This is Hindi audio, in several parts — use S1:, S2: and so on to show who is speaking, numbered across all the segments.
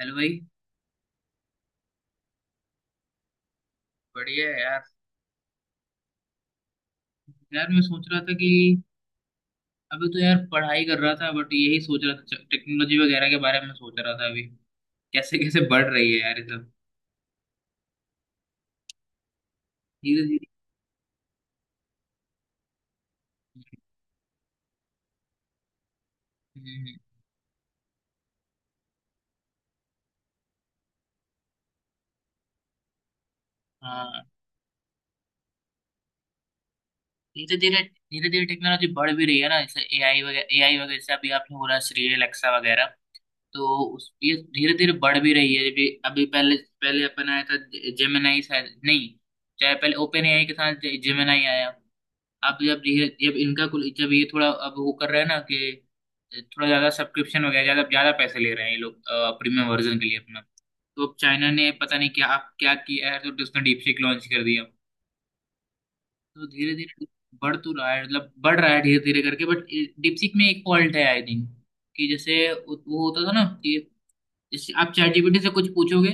S1: हेलो भाई। बढ़िया है यार। यार मैं सोच रहा था कि अभी तो यार पढ़ाई कर रहा था बट यही सोच रहा था टेक्नोलॉजी वगैरह के बारे में सोच रहा था अभी कैसे कैसे बढ़ रही है यार ये सब। धीरे धीरे। हम्म। हाँ। धीरे धीरे धीरे धीरे टेक्नोलॉजी बढ़ भी रही है ना, जैसे एआई वगैरह जैसे अभी आपने बोला श्री एलेक्सा वगैरह। तो उस ये धीरे धीरे बढ़ भी रही है अभी अभी पहले पहले अपन आया था। जेमिनाई शायद नहीं। चाहे पहले ओपन एआई के साथ जेमिनाई आया। अब जब ये जब इनका कुल जब ये थोड़ा अब वो कर रहे हैं ना कि थोड़ा ज्यादा सब्सक्रिप्शन हो गया, ज्यादा ज्यादा पैसे ले रहे हैं ये लोग प्रीमियम वर्जन के लिए अपना। तो अब चाइना ने पता नहीं क्या क्या किया है, तो उसने डीपसीक लॉन्च कर दिया। तो धीरे धीरे बढ़ तो रहा है, मतलब बढ़ रहा है धीरे धीरे करके बट। डीपसीक में एक फॉल्ट है आई थिंक। कि जैसे वो होता था ना कि जैसे आप चैट जीपीटी से कुछ पूछोगे,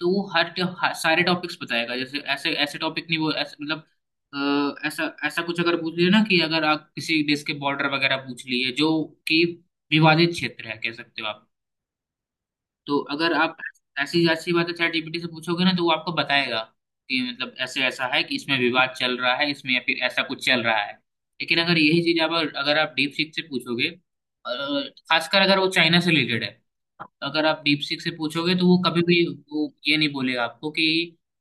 S1: तो वो हर सारे टॉपिक्स बताएगा, जैसे ऐसे ऐसे टॉपिक नहीं वो ऐसे मतलब ऐसा ऐसा कुछ अगर पूछ लिया ना कि अगर आप किसी देश के बॉर्डर वगैरह पूछ लिए जो कि विवादित क्षेत्र है कह सकते हो आप। तो अगर आप ऐसी ऐसी बातें चैट जीपीटी से पूछोगे ना तो वो आपको बताएगा कि मतलब ऐसे ऐसा है कि इसमें विवाद चल रहा है इसमें या फिर ऐसा कुछ चल रहा है। लेकिन अगर यही चीज आप अगर आप डीप सीक से पूछोगे खासकर अगर वो चाइना से रिलेटेड है। अगर आप डीप सीक से पूछोगे तो वो कभी भी वो ये नहीं बोलेगा आपको कि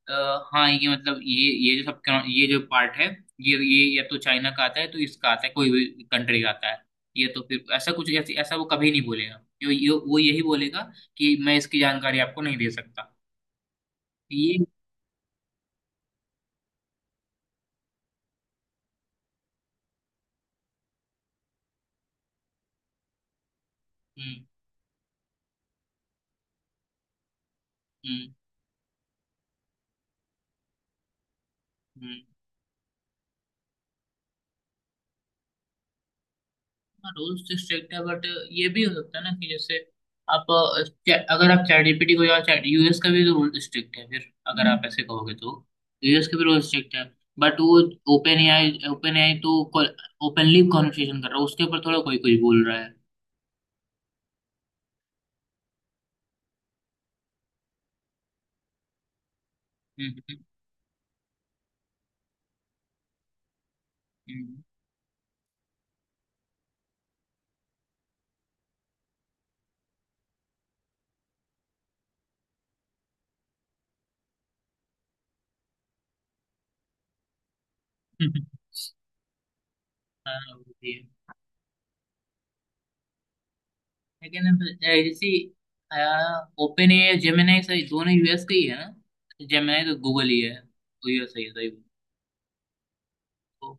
S1: अ, हाँ ये मतलब ये जो सब ये जो पार्ट है ये या तो चाइना का आता है तो इसका आता है कोई भी कंट्री का आता है। ये तो फिर ऐसा कुछ ऐसी ऐसा वो कभी नहीं बोलेगा, यो, यो, वो यही बोलेगा कि मैं इसकी जानकारी आपको नहीं दे सकता ये। हम्म। हम्म। हम्म। रूल्स तो स्ट्रिक्ट है बट ये भी हो सकता है ना कि जैसे आप अगर आप चैट जीपीटी को या चैट यूएस का भी रूल स्ट्रिक्ट है फिर अगर आप ऐसे कहोगे तो यूएस का भी रूल स्ट्रिक्ट है बट वो ओपन एआई तो ओपनली कॉन्वर्सेशन कर रहा है, उसके ऊपर थोड़ा कोई कोई बोल रहा है। हम्म। हम्म। हम्म। हाँ, वो भी है। लेकिन अब, ए, जैसे ओपन ए जेमिनाई सही दोनों यूएस के ही है ना, जेमिनाई तो गूगल ही है, तो ये सही है सही है। तो,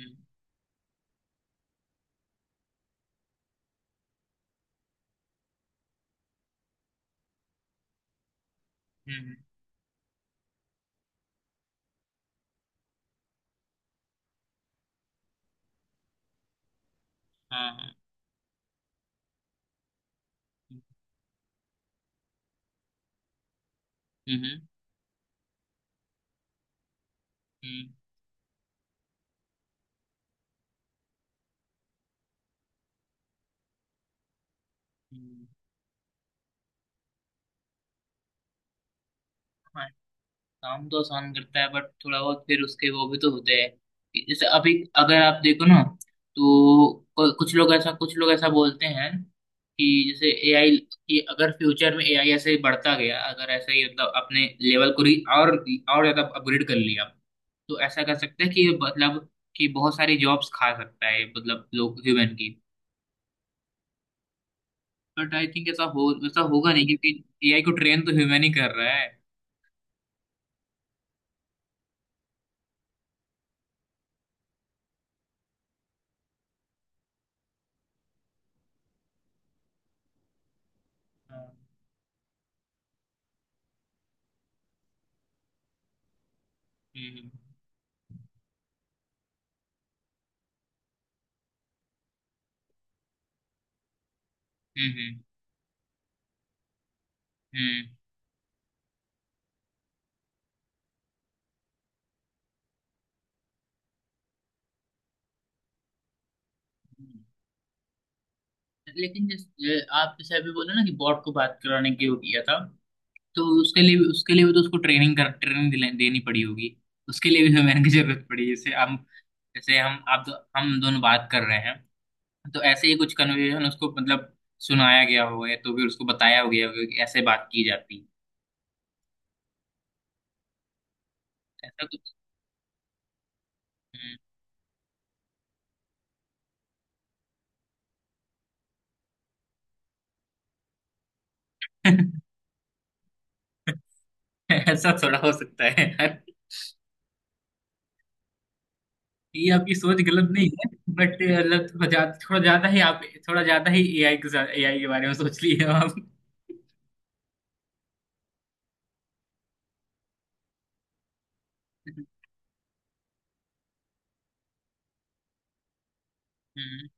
S1: हम्म। हम्म। हाँ। हाँ। हम्म। हम्म। हम्म। हम्म। काम तो आसान करता है बट थोड़ा बहुत फिर उसके वो भी तो होते हैं कि जैसे अभी अगर आप देखो ना तो कुछ लोग ऐसा बोलते हैं कि जैसे एआई कि अगर फ्यूचर में एआई ऐसे ही बढ़ता गया अगर ऐसे ही मतलब अपने लेवल को री और ज्यादा अपग्रेड कर लिया, तो ऐसा कर सकते हैं कि ये मतलब कि बहुत सारी जॉब्स खा सकता है मतलब लोग ह्यूमन की। बट आई थिंक ऐसा हो ऐसा होगा नहीं, क्योंकि एआई को ट्रेन तो ह्यूमन ही कर रहा है। हाँ। हम्म। हम्म। हम्म। हम्म। लेकिन जैसे आप जैसे अभी बोले ना कि बॉट को बात कराने के लिए किया था, तो उसके लिए भी तो उसको ट्रेनिंग कर ट्रेनिंग दिला देनी पड़ी होगी। उसके लिए भी हमें की जरूरत पड़ी, जैसे हम आप दो, हम दोनों बात कर रहे हैं, तो ऐसे ही कुछ कन्वर्सेशन उसको मतलब सुनाया गया होगा या तो फिर उसको बताया गया होगा कि ऐसे बात की जाती है ऐसा कुछ। हम्म। ऐसा थोड़ा हो सकता है यार, ये आपकी सोच गलत नहीं है बट मतलब थोड़ा ज्यादा ही आप थोड़ा ज्यादा ही एआई के साथ एआई के बारे में सोच लिए हो आप। हम्म।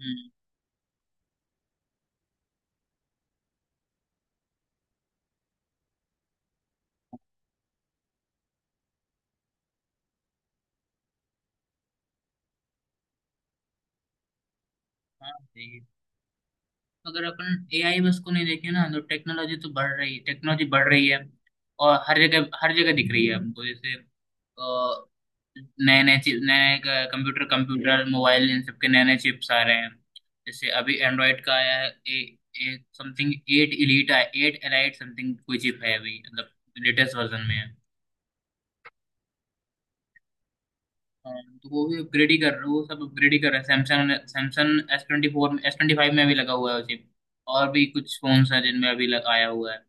S1: हम्म। हाँ सही है। अगर अपन एआई में उसको नहीं देखें ना तो टेक्नोलॉजी तो बढ़ रही है, टेक्नोलॉजी बढ़ रही है और हर जगह दिख रही है हमको, जैसे अ, नए नए चीज नए नए कंप्यूटर कंप्यूटर मोबाइल इन सब के नए नए चिप्स आ रहे हैं। जैसे अभी एंड्रॉइड का आया है A A something, eight elite आया, एट एलाइट समथिंग कोई चिप है अभी मतलब लेटेस्ट वर्जन में है। हाँ, तो वो भी अपग्रेड ही कर रहे वो सब अपग्रेड ही कर रहे हैं, Samsung Samsung S twenty four S twenty five में भी लगा हुआ है वो चिप। और भी कुछ फोन्स हैं जिनमें अभी लग, आया हुआ है।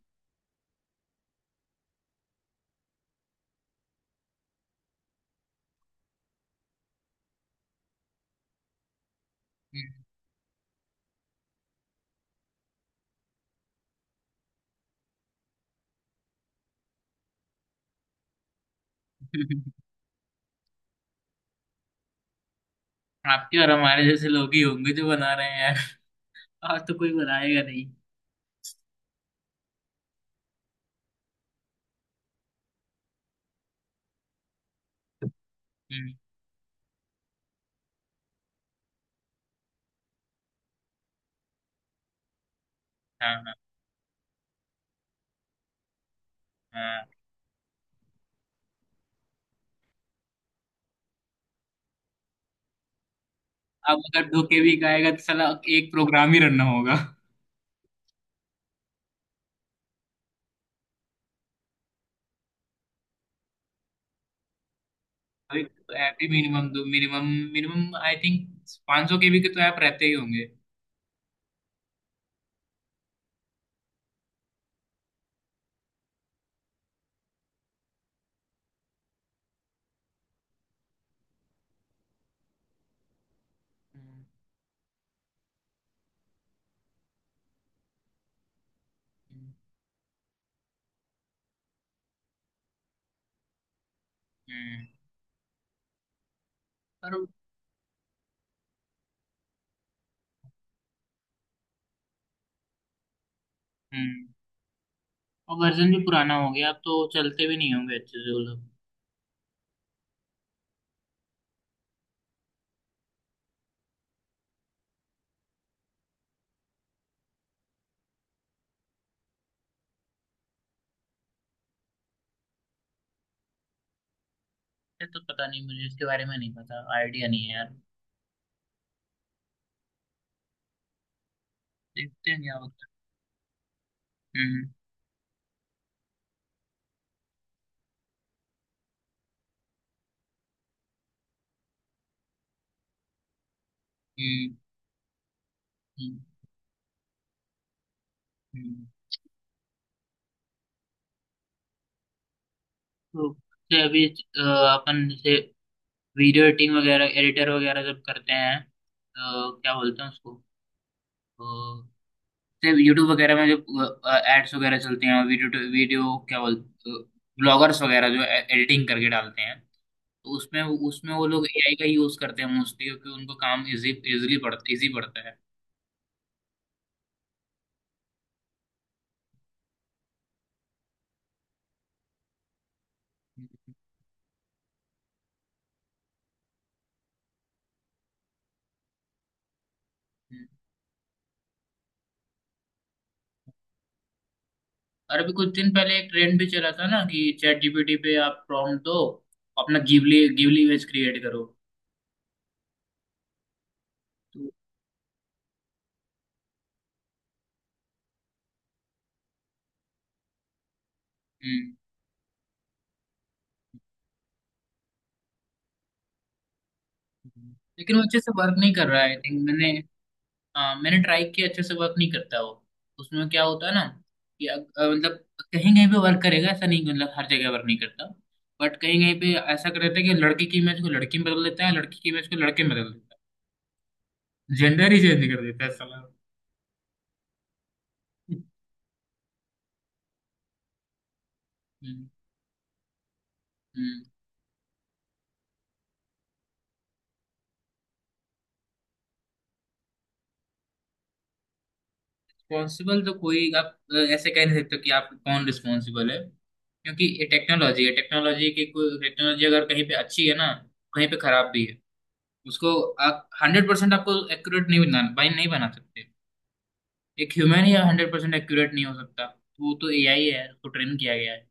S1: हम्म। आपके और हमारे जैसे लोग ही होंगे जो बना रहे हैं यार, और तो कोई बनाएगा नहीं। हम्म। हाँ हाँ। हाँ। अब अगर दो के बी का आएगा तो साला एक प्रोग्राम ही रन होगा। अभी तो ऐप ही मिनिमम दो मिनिमम मिनिमम आई थिंक 500 सौ के बी के तो ऐप रहते ही होंगे। हम्म। हम्म। हम्म। पर हम्म और वर्जन भी पुराना हो गया अब तो चलते भी नहीं होंगे अच्छे से वो लोग। ये तो पता नहीं मुझे इसके बारे में नहीं पता, आइडिया नहीं है यार, देखते हैं क्या होता है। हम्म। हम्म। हम्म। हम्म। तो जैसे अभी अपन जैसे वीडियो एडिटिंग वगैरह एडिटर वगैरह जब करते हैं तो क्या बोलते हैं उसको अ, जैसे यूट्यूब वगैरह में जब एड्स वगैरह चलते हैं वीडियो वीडियो क्या बोलते, ब्लॉगर्स वगैरह जो एडिटिंग करके डालते हैं, तो उसमें उसमें वो लोग एआई का यूज करते हैं मोस्टली, क्योंकि उनको काम इजी इजीली पड़ता इजी पड़ता है। हम्म। और अभी कुछ दिन पहले एक ट्रेंड भी चला था ना कि चैट जीपीटी पे आप प्रॉम्प्ट दो अपना गिबली गिबली इमेज क्रिएट करो। तो हम्म लेकिन वो अच्छे से वर्क नहीं कर रहा है आई थिंक मैंने, हाँ मैंने ट्राई किया अच्छे से वर्क नहीं करता वो। उसमें क्या होता है ना कि मतलब कहीं कहीं पे वर्क करेगा, ऐसा नहीं कि मतलब हर जगह वर्क नहीं करता बट कहीं कहीं पे ऐसा कर देता है कि लड़के की इमेज को लड़की में बदल देता है, लड़की की इमेज को लड़के में बदल देता है, जेंडर ही चेंज कर देता है साला। रिस्पॉन्सिबल तो कोई आप ऐसे कह नहीं सकते कि आप कौन रिस्पॉन्सिबल है, क्योंकि ये टेक्नोलॉजी है, टेक्नोलॉजी की कोई टेक्नोलॉजी अगर कहीं पे अच्छी है ना कहीं पे खराब भी है। उसको आप हंड्रेड परसेंट आपको एक्यूरेट नहीं बना भाई नहीं बना सकते। एक ह्यूमन ही हंड्रेड परसेंट एक्यूरेट नहीं हो सकता, वो तो एआई है उसको ट्रेन किया गया है।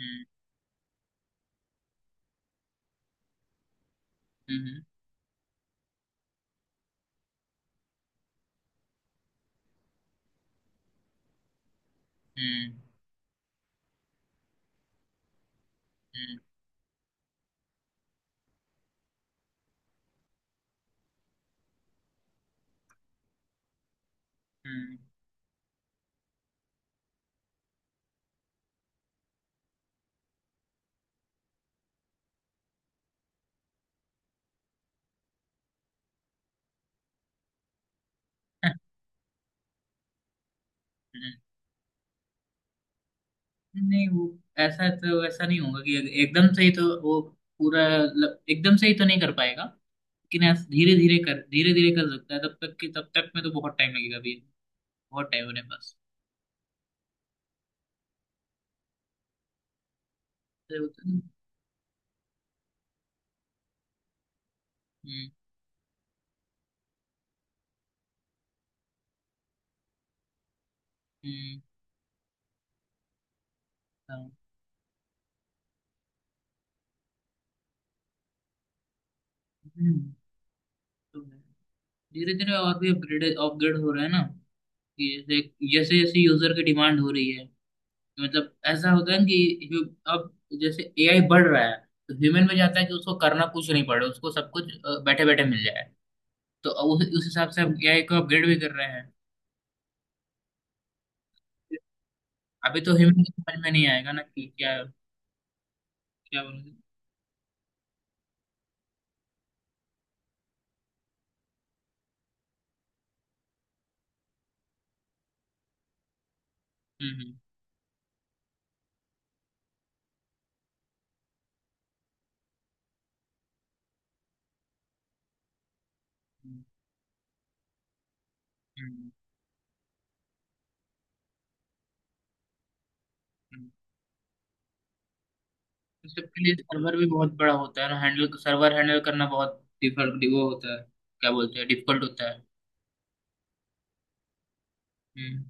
S1: हम्म। हम्म। हम्म। हम्म। हम्म। हम्म। हम्म। नहीं वो ऐसा तो ऐसा नहीं होगा कि एकदम से ही तो वो पूरा एकदम से ही तो नहीं कर पाएगा, लेकिन ऐसा धीरे धीरे कर सकता है, तब तक कि तब तक में तो बहुत टाइम लगेगा अभी। बहुत टाइम होने पास। हम्म। हम्म। हाँ। हम्म। तो धीरे धीरे और भी अपग्रेड अपग्रेड हो रहा है ना कि जैसे जैसे जैसे यूजर की डिमांड हो रही है, मतलब ऐसा होता है ना कि अब जैसे एआई बढ़ रहा है, तो ह्यूमन में जाता है कि उसको करना कुछ नहीं पड़े, उसको सब कुछ बैठे बैठे मिल जाए। तो उस हिसाब से हम एआई को अपग्रेड भी कर रहे हैं। अभी तो ह्यूमन समझ में नहीं आएगा ना कि क्या क्या बोलूं। हम्म। हम्म। हम्म। हम्म। हम्म। तो सबके लिए सर्वर भी बहुत बड़ा होता है ना, हैंडल सर्वर हैंडल करना बहुत डिफिकल्ट वो होता है, क्या बोलते हैं डिफिकल्ट होता है। हम्म।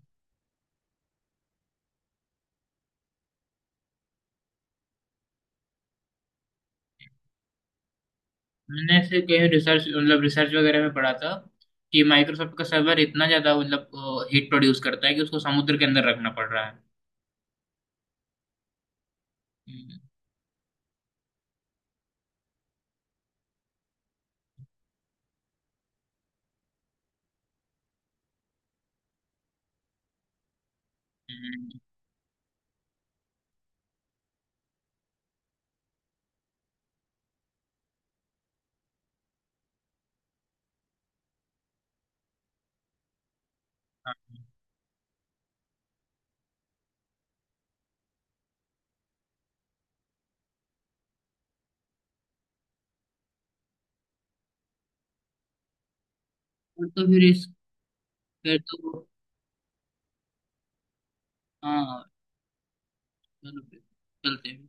S1: मैंने ऐसे कहीं रिसर्च मतलब रिसर्च वगैरह में पढ़ा था कि माइक्रोसॉफ्ट का सर्वर इतना ज्यादा मतलब हीट प्रोड्यूस करता है कि उसको समुद्र के अंदर रखना पड़ रहा है। हम्म। हम्म। हम्म। हाँ। और तो फिर इस फिर तो हाँ चलो फिर चलते हैं।